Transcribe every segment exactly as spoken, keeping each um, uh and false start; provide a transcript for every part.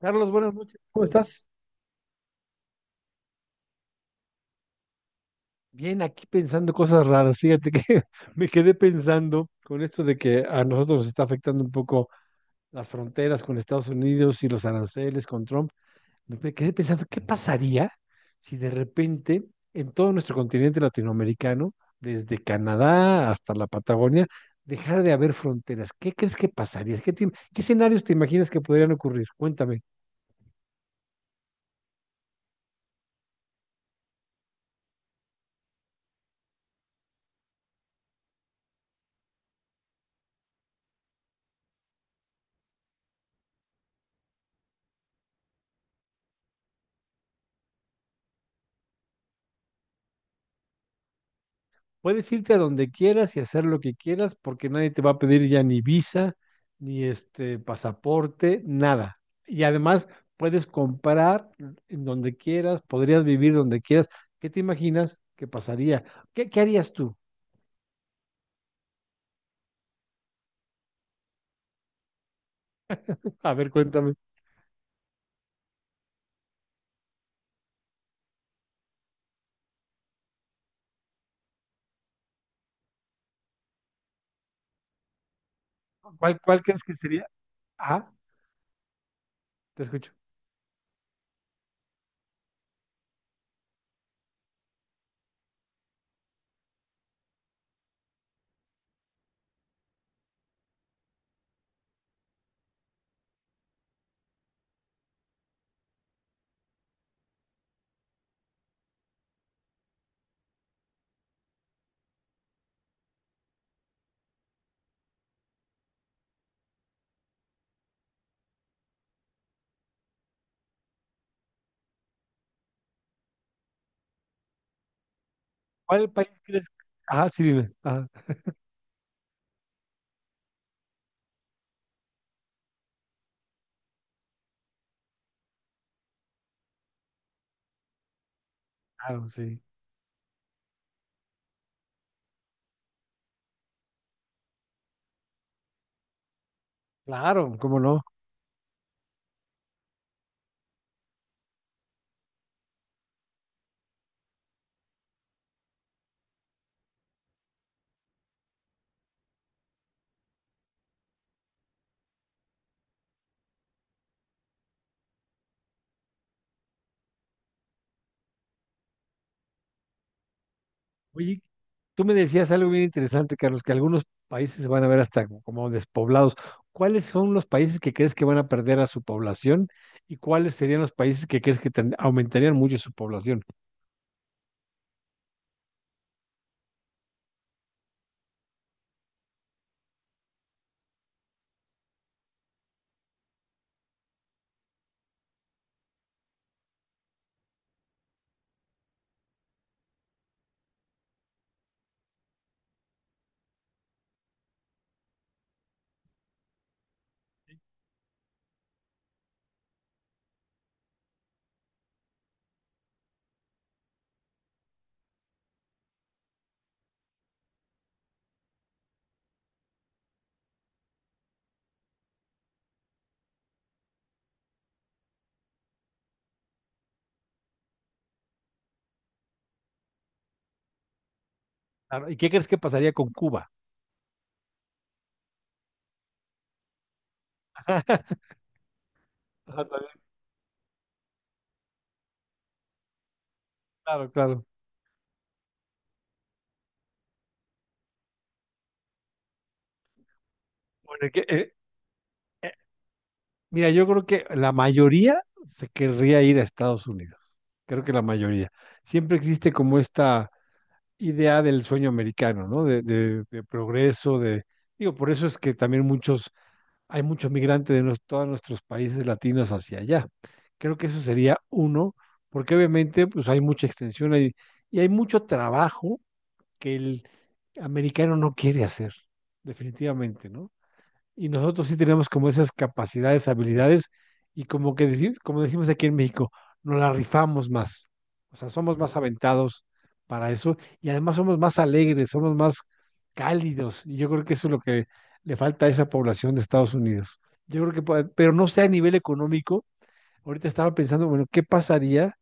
Carlos, buenas noches. ¿Cómo estás? Bien, aquí pensando cosas raras. Fíjate que me quedé pensando con esto de que a nosotros nos está afectando un poco las fronteras con Estados Unidos y los aranceles con Trump. Me quedé pensando, ¿qué pasaría si de repente en todo nuestro continente latinoamericano, desde Canadá hasta la Patagonia, dejara de haber fronteras? ¿Qué crees que pasaría? ¿Qué, te- qué escenarios te imaginas que podrían ocurrir? Cuéntame. Puedes irte a donde quieras y hacer lo que quieras porque nadie te va a pedir ya ni visa, ni este pasaporte, nada. Y además puedes comprar en donde quieras, podrías vivir donde quieras. ¿Qué te imaginas que pasaría? ¿Qué, qué harías tú? A ver, cuéntame. ¿Cuál, cuál crees que sería? Ah, te escucho. ¿Cuál país crees? Ah, sí, dime. Ah, claro, sí. Claro, cómo no. Oye, tú me decías algo bien interesante, Carlos, que algunos países se van a ver hasta como despoblados. ¿Cuáles son los países que crees que van a perder a su población y cuáles serían los países que crees que ten- aumentarían mucho su población? Claro, ¿y qué crees que pasaría con Cuba? Ah, también. Claro, claro. Bueno, que, eh, mira, yo creo que la mayoría se querría ir a Estados Unidos. Creo que la mayoría. Siempre existe como esta idea del sueño americano, ¿no? De, de- de progreso, de... Digo, por eso es que también muchos hay muchos migrantes de nos- todos nuestros países latinos hacia allá. Creo que eso sería uno, porque obviamente pues hay mucha extensión hay- y hay mucho trabajo que el americano no quiere hacer, definitivamente, ¿no? Y nosotros sí tenemos como esas capacidades, habilidades, y como que decimos, como decimos aquí en México, nos la rifamos más. O sea, somos más aventados para eso y además somos más alegres, somos más cálidos. Y yo creo que eso es lo que le falta a esa población de Estados Unidos. Yo creo que, puede- pero no sea a nivel económico. Ahorita estaba pensando, bueno, ¿qué pasaría?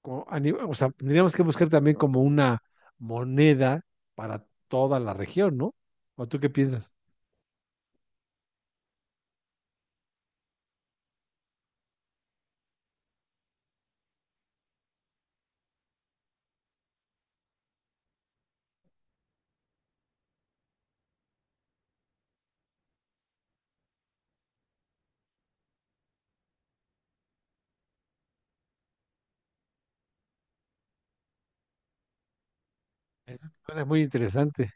con- a nivel- O sea, tendríamos que buscar también como una moneda para toda la región, ¿no? ¿O tú qué piensas? Eso es muy interesante.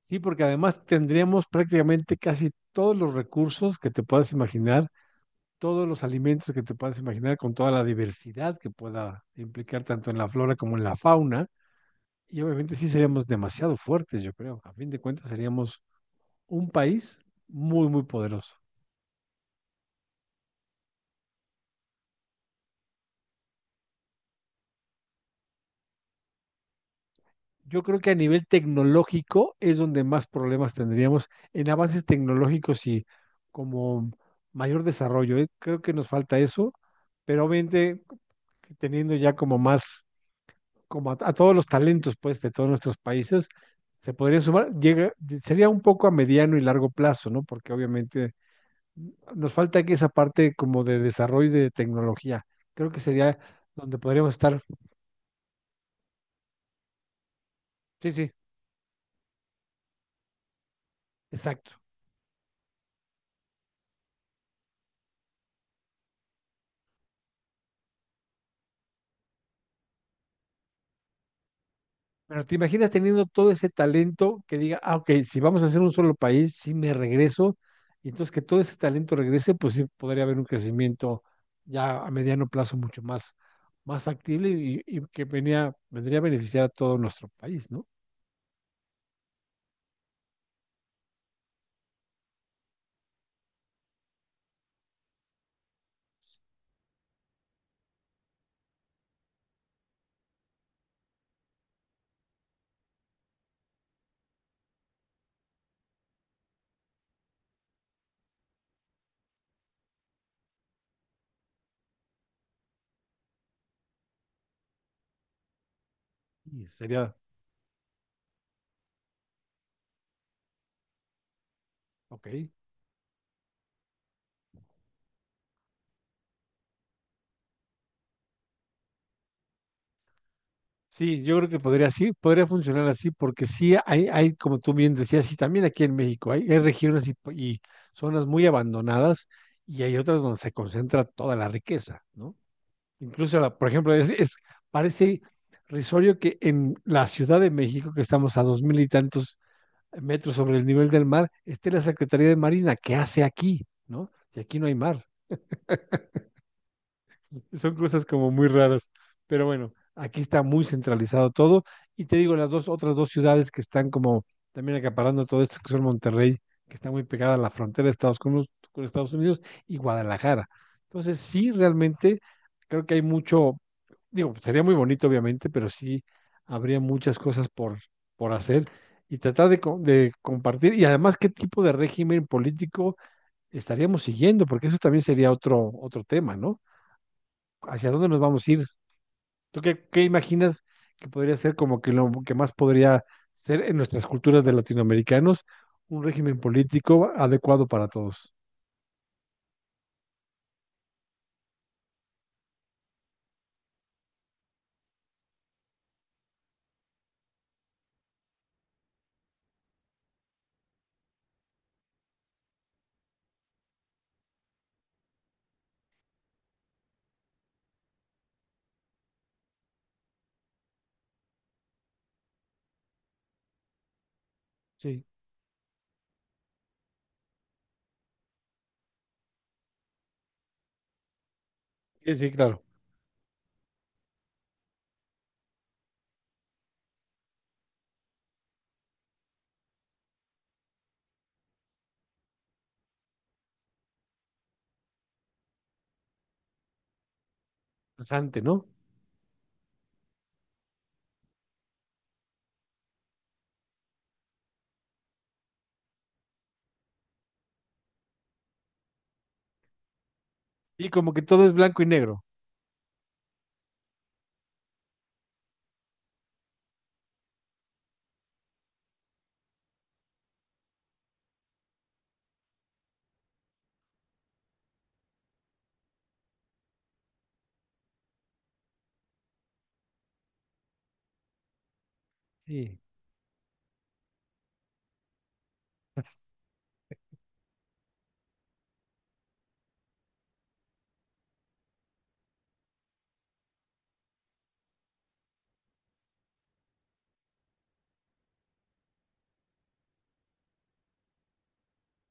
Sí, porque además tendríamos prácticamente casi todos los recursos que te puedas imaginar, todos los alimentos que te puedas imaginar, con toda la diversidad que pueda implicar tanto en la flora como en la fauna. Y obviamente sí seríamos demasiado fuertes, yo creo. A fin de cuentas seríamos un país muy, muy poderoso. Yo creo que a nivel tecnológico es donde más problemas tendríamos en avances tecnológicos y como mayor desarrollo, ¿eh? Creo que nos falta eso, pero obviamente teniendo ya como más como a, a todos los talentos, pues, de todos nuestros países, se podrían sumar, llega, sería un poco a mediano y largo plazo, ¿no? Porque obviamente nos falta aquí esa parte como de desarrollo de tecnología. Creo que sería donde podríamos estar. Sí, sí, exacto. Pero te imaginas teniendo todo ese talento que diga, ah, ok, si vamos a hacer un solo país, sí me regreso, y entonces que todo ese talento regrese, pues sí podría haber un crecimiento ya a mediano plazo mucho más, más factible y, y que venía, vendría a beneficiar a todo nuestro país, ¿no? Y sería, ok. Sí, yo creo que podría sí, podría funcionar así, porque sí hay, hay, como tú bien decías, y también aquí en México, hay, hay regiones y, y zonas muy abandonadas y hay otras donde se concentra toda la riqueza, ¿no? Incluso, la, por ejemplo, es, es- parece risorio que en la Ciudad de México, que estamos a dos mil y tantos metros sobre el nivel del mar, esté la Secretaría de Marina, ¿que hace aquí? ¿No? Y aquí no hay mar. Son cosas como muy raras. Pero bueno, aquí está muy centralizado todo. Y te digo, las dos, otras dos ciudades que están como también acaparando todo esto, que son Monterrey, que está muy pegada a la frontera de Estados con, con Estados Unidos, y Guadalajara. Entonces, sí, realmente creo que hay mucho, digo, sería muy bonito, obviamente, pero sí habría muchas cosas por, por hacer y tratar de, co- de compartir. Y además, ¿qué tipo de régimen político estaríamos siguiendo? Porque eso también sería otro, otro tema, ¿no? ¿Hacia dónde nos vamos a ir? ¿Tú qué, qué imaginas que podría ser como que lo que más podría ser en nuestras culturas de latinoamericanos un régimen político adecuado para todos? Sí, sí, sí, claro. Interesante, ¿no? Y como que todo es blanco y negro. Sí.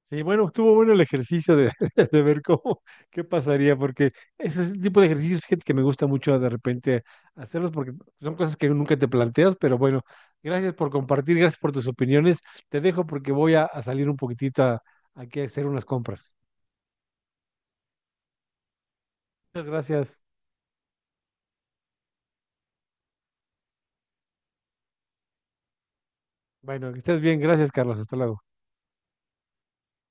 Sí, bueno, estuvo bueno el ejercicio de, de ver cómo, qué pasaría, porque ese es el tipo de ejercicios, gente, que me gusta mucho de repente hacerlos, porque son cosas que nunca te planteas, pero bueno, gracias por compartir, gracias por tus opiniones. Te dejo porque voy a, a salir un poquitito a, aquí a hacer unas compras. Muchas gracias. Bueno, que estés bien, gracias, Carlos, hasta luego.